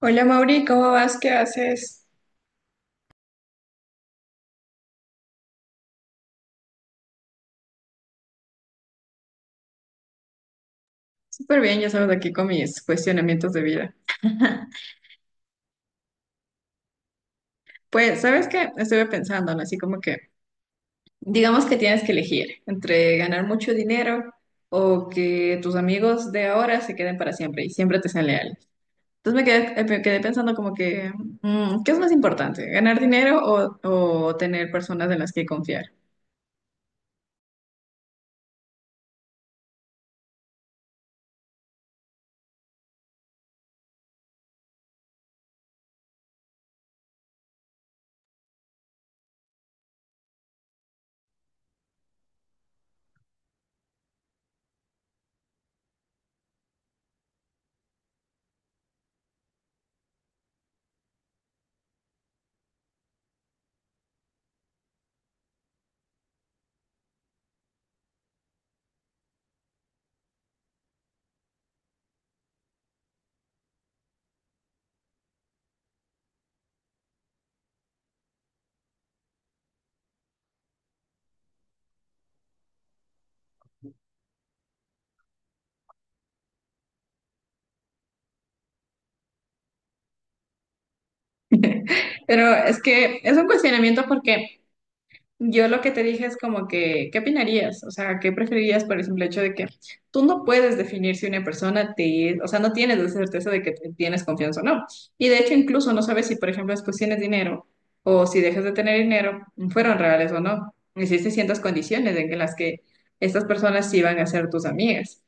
Hola Mauri, ¿cómo vas? ¿Qué haces? Súper bien, ya sabes, aquí con mis cuestionamientos de vida. Pues, ¿sabes qué? Estuve pensando, ¿no? Así como que, digamos que tienes que elegir entre ganar mucho dinero o que tus amigos de ahora se queden para siempre y siempre te sean leales. Entonces me quedé pensando como que, ¿qué es más importante? ¿Ganar dinero o tener personas en las que confiar? Pero es que es un cuestionamiento porque... Yo lo que te dije es como que, ¿qué opinarías? O sea, ¿qué preferirías por el simple hecho de que tú no puedes definir si una persona te, o sea, no tienes la certeza de que tienes confianza o no. Y de hecho, incluso no sabes si, por ejemplo, después tienes dinero o si dejas de tener dinero, fueron reales o no. Existen ciertas condiciones en las que estas personas sí van a ser tus amigas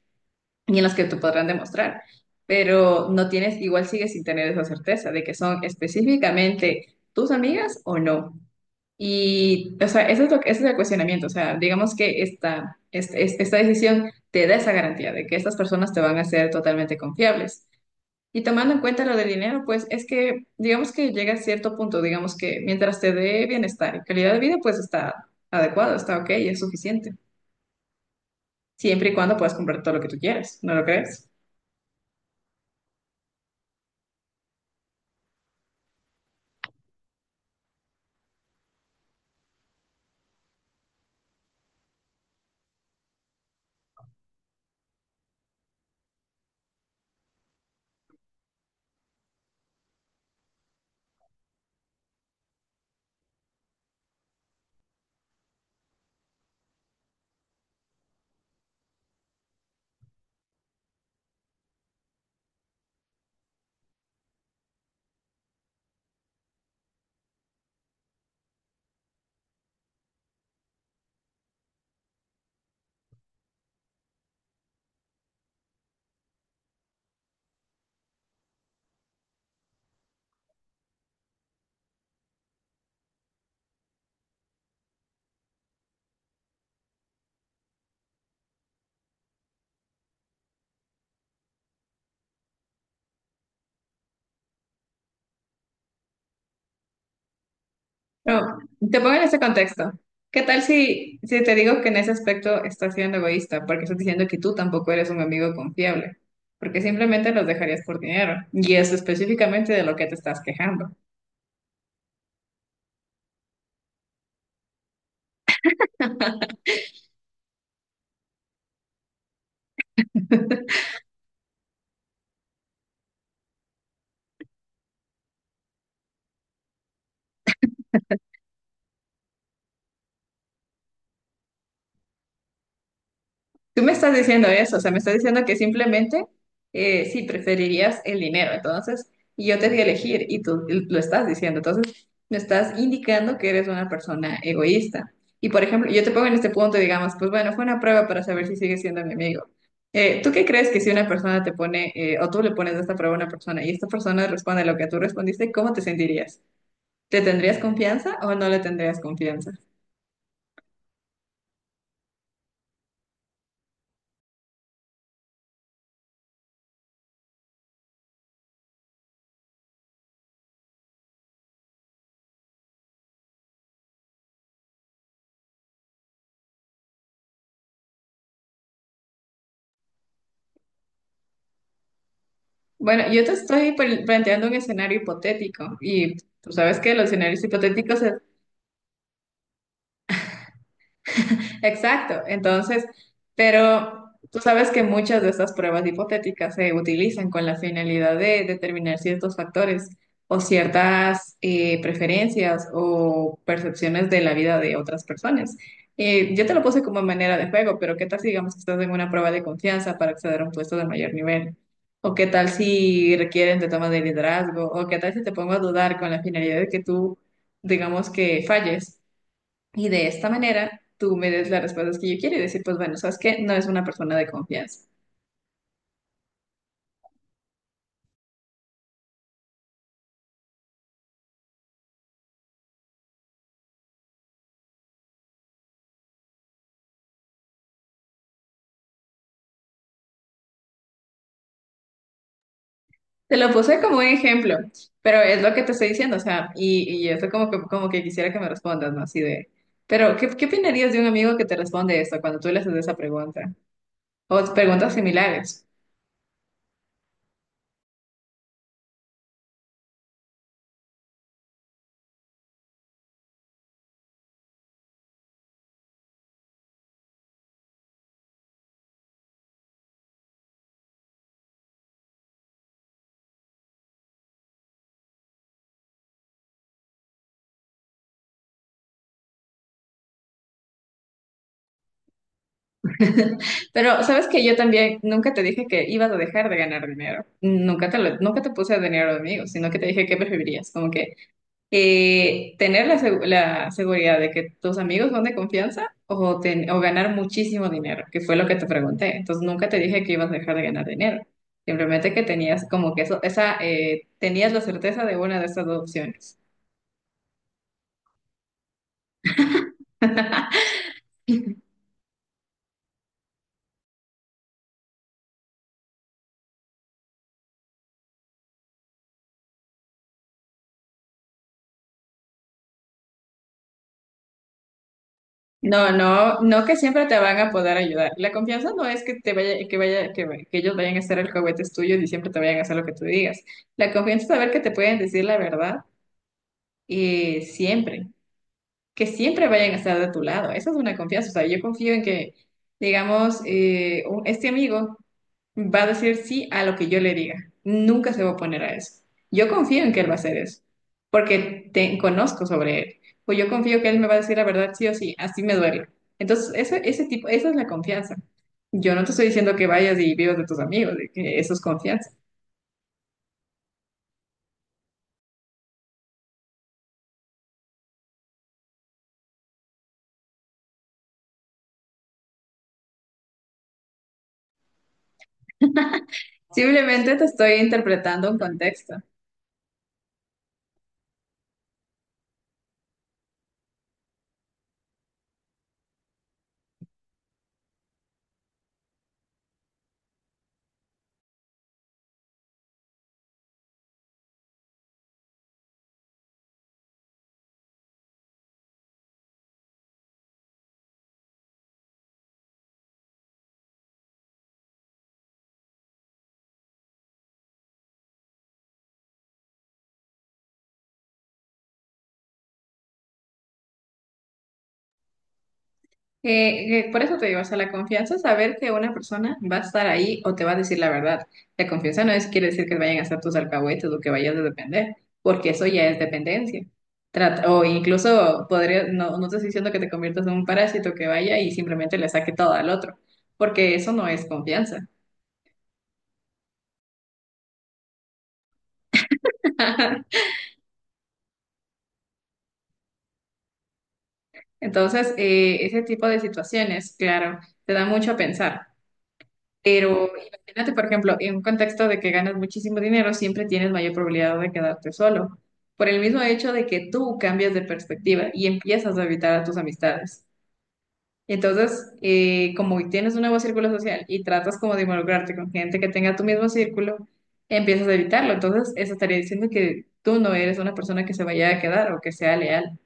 y en las que te podrán demostrar, pero no tienes, igual sigues sin tener esa certeza de que son específicamente tus amigas o no. Y, o sea, eso es ese es el cuestionamiento. O sea, digamos que esta decisión te da esa garantía de que estas personas te van a ser totalmente confiables. Y tomando en cuenta lo del dinero, pues es que, digamos que llega a cierto punto, digamos que mientras te dé bienestar y calidad de vida, pues está adecuado, está ok, es suficiente. Siempre y cuando puedas comprar todo lo que tú quieras, ¿no lo crees? No, te pongo en ese contexto. ¿Qué tal si, si te digo que en ese aspecto estás siendo egoísta? Porque estás diciendo que tú tampoco eres un amigo confiable, porque simplemente los dejarías por dinero. Y es específicamente de lo que te estás quejando. Tú me estás diciendo eso, o sea, me estás diciendo que simplemente sí preferirías el dinero, entonces, y yo te di a elegir y tú lo estás diciendo, entonces me estás indicando que eres una persona egoísta. Y por ejemplo, yo te pongo en este punto, digamos, pues bueno, fue una prueba para saber si sigues siendo mi amigo. ¿Tú qué crees que si una persona te pone, o tú le pones esta prueba a una persona y esta persona responde lo que tú respondiste, cómo te sentirías? ¿Te tendrías confianza o no le tendrías confianza? Bueno, yo te estoy planteando un escenario hipotético y tú sabes que los escenarios hipotéticos... Exacto. Entonces, pero tú sabes que muchas de estas pruebas hipotéticas se utilizan con la finalidad de determinar ciertos factores o ciertas preferencias o percepciones de la vida de otras personas. Yo te lo puse como manera de juego, pero ¿qué tal si digamos que estás en una prueba de confianza para acceder a un puesto de mayor nivel? ¿O qué tal si requieren de toma de liderazgo? ¿O qué tal si te pongo a dudar con la finalidad de que tú, digamos que falles? Y de esta manera tú me des las respuestas que yo quiero y decir, pues bueno, sabes que no es una persona de confianza. Te lo puse como un ejemplo, pero es lo que te estoy diciendo, o sea, y esto como que quisiera que me respondas, ¿no? Así de, pero ¿qué, qué opinarías de un amigo que te responde esto cuando tú le haces esa pregunta? O preguntas similares. Pero sabes que yo también nunca te dije que ibas a dejar de ganar dinero. Nunca te puse dinero de amigos, sino que te dije qué preferirías. Como que tener la, la seguridad de que tus amigos son de confianza o, o ganar muchísimo dinero, que fue lo que te pregunté. Entonces nunca te dije que ibas a dejar de ganar dinero, simplemente que tenías como que eso, esa, tenías la certeza de una de estas dos opciones. No, no, no que siempre te van a poder ayudar. La confianza no es que te vaya, que ellos vayan a ser el juguetes tuyos y siempre te vayan a hacer lo que tú digas. La confianza es saber que te pueden decir la verdad y siempre. Que siempre vayan a estar de tu lado. Esa es una confianza. O sea, yo confío en que, digamos, este amigo. Va a decir sí a lo que yo le diga. Nunca se va a oponer a eso. Yo confío en que él va a hacer eso, porque te conozco sobre él. Pues yo confío que él me va a decir la verdad sí o sí, así me duele. Entonces, esa es la confianza. Yo no te estoy diciendo que vayas y vivas de tus amigos, de que eso es confianza. Simplemente te estoy interpretando un contexto. Por eso te digo, o sea, la confianza es saber que una persona va a estar ahí o te va a decir la verdad. La confianza no es quiere decir que vayan a ser tus alcahuetes o que vayas a depender, porque eso ya es dependencia. Trata, o incluso podría, no, no te estoy diciendo que te conviertas en un parásito que vaya y simplemente le saque todo al otro, porque eso no es confianza. Entonces, ese tipo de situaciones, claro, te da mucho a pensar. Pero imagínate, por ejemplo, en un contexto de que ganas muchísimo dinero, siempre tienes mayor probabilidad de quedarte solo, por el mismo hecho de que tú cambias de perspectiva y empiezas a evitar a tus amistades. Entonces, como tienes un nuevo círculo social y tratas como de involucrarte con gente que tenga tu mismo círculo, empiezas a evitarlo. Entonces, eso estaría diciendo que tú no eres una persona que se vaya a quedar o que sea leal.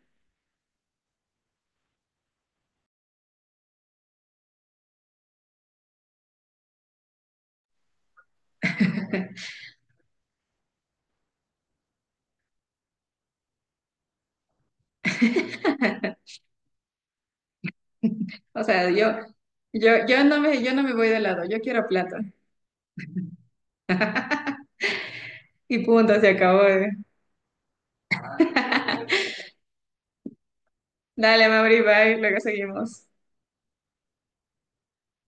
O sea, yo no me voy de lado, yo quiero plata. Y punto, se acabó. ¿Eh? Dale, Mauri, bye, luego seguimos.